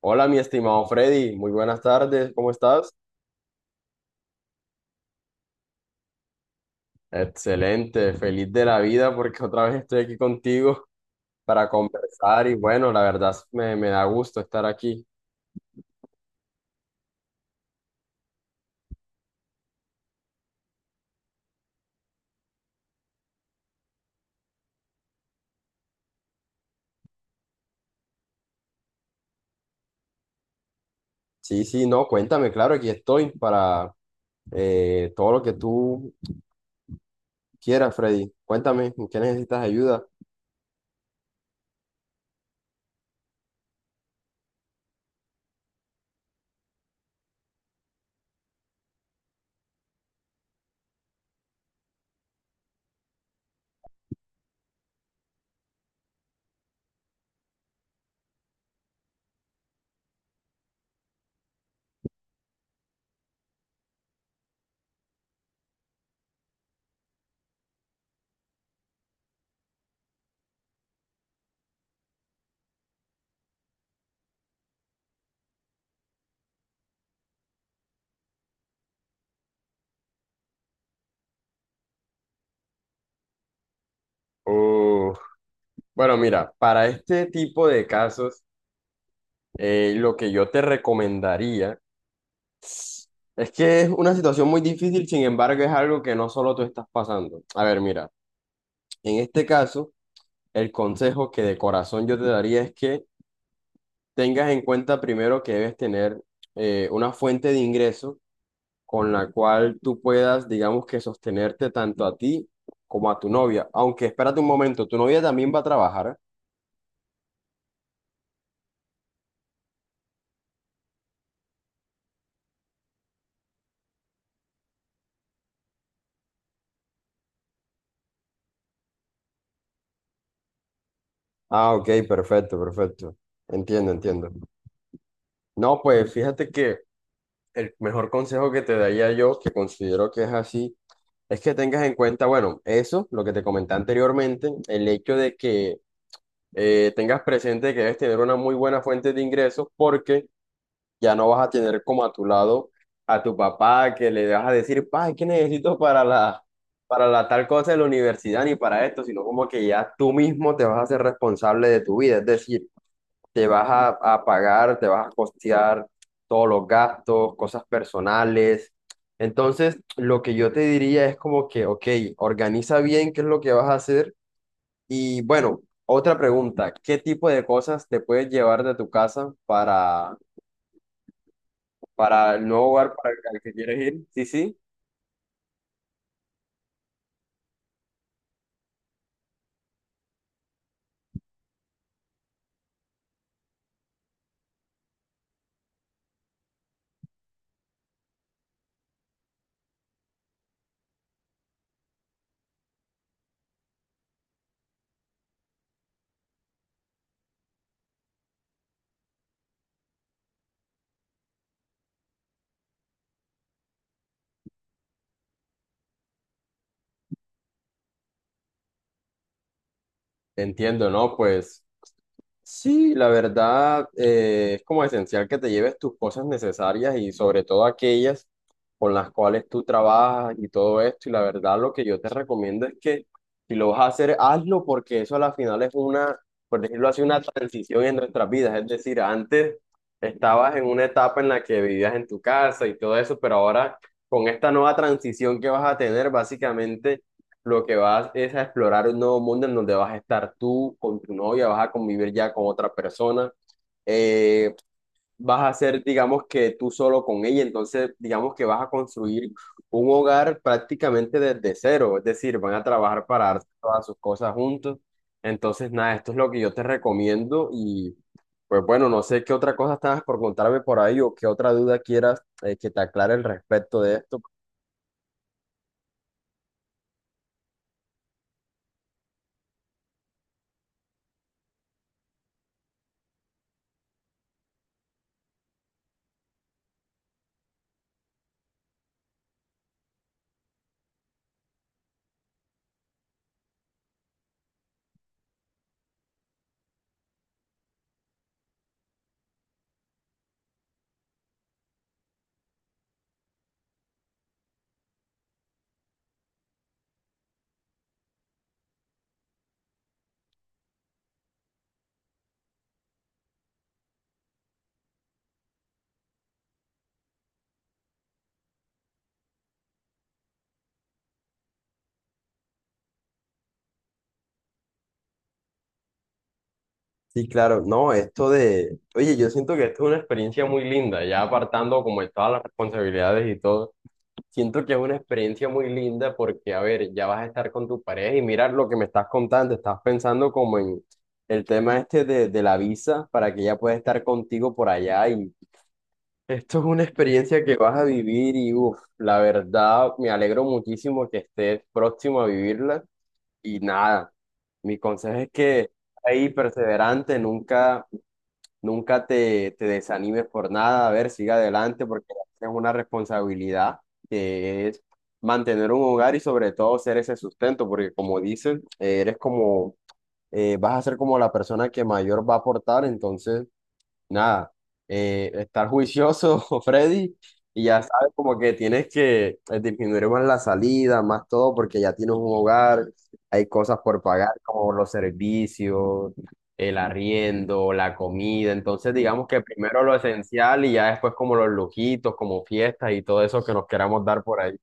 Hola, mi estimado Freddy, muy buenas tardes, ¿cómo estás? Excelente, feliz de la vida porque otra vez estoy aquí contigo para conversar y bueno, me da gusto estar aquí. Sí, sí, no, cuéntame, claro, aquí estoy para todo lo que tú quieras, Freddy. Cuéntame, ¿en qué necesitas ayuda? Uf, bueno, mira, para este tipo de casos, lo que yo te recomendaría es que es una situación muy difícil, sin embargo, es algo que no solo tú estás pasando. A ver, mira. En este caso, el consejo que de corazón yo te daría es que tengas en cuenta primero que debes tener una fuente de ingreso con la cual tú puedas, digamos que sostenerte tanto a ti como a tu novia. Aunque espérate un momento, ¿tu novia también va a trabajar? Ah, ok, perfecto, perfecto. Entiendo, entiendo. No, pues fíjate que el mejor consejo que te daría yo, que considero que es así, es que tengas en cuenta, bueno, eso, lo que te comenté anteriormente, el hecho de que tengas presente que debes tener una muy buena fuente de ingresos porque ya no vas a tener como a tu lado a tu papá que le vas a decir, pa, ¿qué necesito para para la tal cosa de la universidad ni para esto? Sino como que ya tú mismo te vas a hacer responsable de tu vida, es decir, te vas a, a pagar, te vas a costear todos los gastos, cosas personales. Entonces, lo que yo te diría es como que, ok, organiza bien qué es lo que vas a hacer y bueno, otra pregunta, ¿qué tipo de cosas te puedes llevar de tu casa para el nuevo hogar para el al que quieres ir? Sí, sí, entiendo, ¿no? Pues sí, la verdad, es como esencial que te lleves tus cosas necesarias y sobre todo aquellas con las cuales tú trabajas y todo esto. Y la verdad, lo que yo te recomiendo es que si lo vas a hacer, hazlo porque eso a la final es una, por decirlo así, una transición en nuestras vidas. Es decir, antes estabas en una etapa en la que vivías en tu casa y todo eso, pero ahora con esta nueva transición que vas a tener, básicamente lo que vas es a explorar un nuevo mundo en donde vas a estar tú con tu novia, vas a convivir ya con otra persona, eh, vas a ser, digamos que tú solo con ella, entonces digamos que vas a construir un hogar prácticamente desde cero, es decir, van a trabajar para dar todas sus cosas juntos. Entonces, nada, esto es lo que yo te recomiendo y pues bueno, no sé qué otra cosa estabas por contarme por ahí o qué otra duda quieras, que te aclare al respecto de esto. Sí, claro, no, esto de, oye, yo siento que esto es una experiencia muy linda, ya apartando como de todas las responsabilidades y todo, siento que es una experiencia muy linda porque, a ver, ya vas a estar con tu pareja y mira lo que me estás contando, estás pensando como en el tema este de la visa para que ella pueda estar contigo por allá y esto es una experiencia que vas a vivir y, uff, la verdad, me alegro muchísimo que estés próximo a vivirla y nada, mi consejo es que ahí perseverante, nunca. Nunca te desanimes por nada, a ver, siga adelante porque es una responsabilidad que es mantener un hogar y sobre todo ser ese sustento, porque como dicen, eres como, vas a ser como la persona que mayor va a aportar, entonces nada, estar juicioso, Freddy, y ya sabes como que tienes que, disminuir más la salida, más todo, porque ya tienes un hogar, hay cosas por pagar, como los servicios, el arriendo, la comida, entonces digamos que primero lo esencial y ya después como los lujitos, como fiestas y todo eso que nos queramos dar por ahí.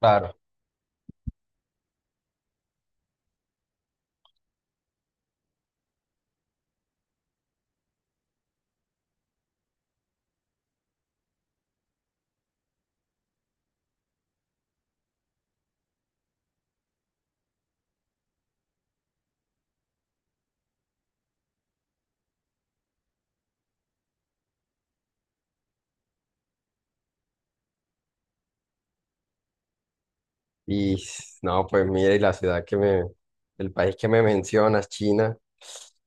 Claro. Y no, pues mira, y la ciudad el país que me mencionas, China,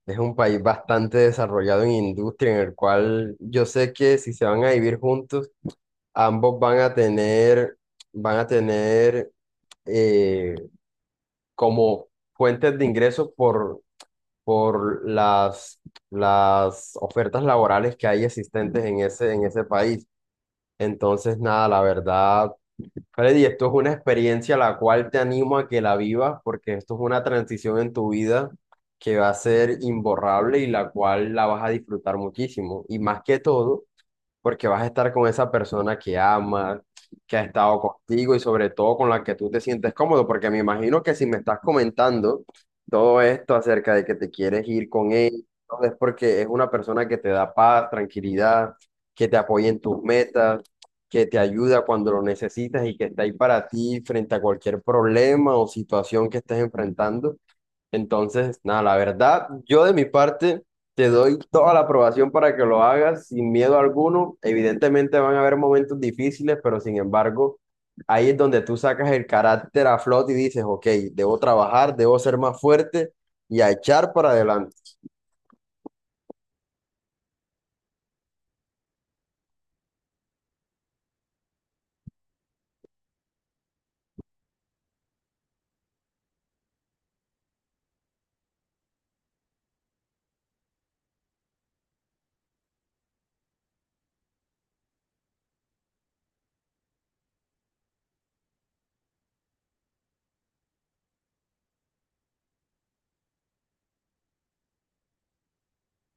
es un país bastante desarrollado en industria, en el cual yo sé que si se van a vivir juntos, ambos van a tener eh, como fuentes de ingresos por las ofertas laborales que hay existentes en ese país. Entonces, nada, la verdad. Freddy, esto es una experiencia la cual te animo a que la vivas porque esto es una transición en tu vida que va a ser imborrable y la cual la vas a disfrutar muchísimo. Y más que todo, porque vas a estar con esa persona que amas, que ha estado contigo y sobre todo con la que tú te sientes cómodo, porque me imagino que si me estás comentando todo esto acerca de que te quieres ir con ella, es porque es una persona que te da paz, tranquilidad, que te apoya en tus metas, que te ayuda cuando lo necesitas y que está ahí para ti frente a cualquier problema o situación que estés enfrentando. Entonces, nada, la verdad, yo de mi parte te doy toda la aprobación para que lo hagas sin miedo alguno. Evidentemente van a haber momentos difíciles, pero sin embargo, ahí es donde tú sacas el carácter a flote y dices, ok, debo trabajar, debo ser más fuerte y a echar para adelante.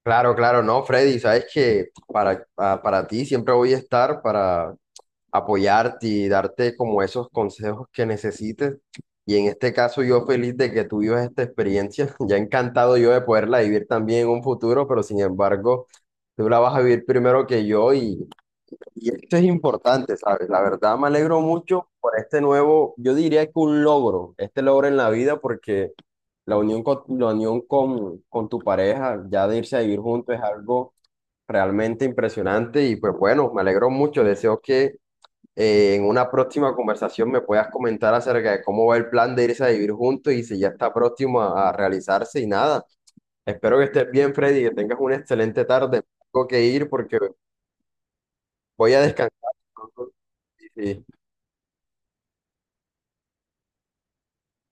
Claro, claro, no, Freddy, sabes que para ti siempre voy a estar para apoyarte y darte como esos consejos que necesites. Y en este caso yo feliz de que tú vivas esta experiencia, ya encantado yo de poderla vivir también en un futuro, pero sin embargo, tú la vas a vivir primero que yo y esto es importante, ¿sabes? La verdad me alegro mucho por este nuevo, yo diría que un logro, este logro en la vida porque la unión con tu pareja, ya de irse a vivir juntos es algo realmente impresionante y pues bueno, me alegro mucho, deseo que, en una próxima conversación me puedas comentar acerca de cómo va el plan de irse a vivir juntos y si ya está próximo a realizarse y nada. Espero que estés bien, Freddy, que tengas una excelente tarde. Tengo que ir porque voy a descansar. Y,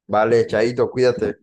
vale, Chaito, cuídate.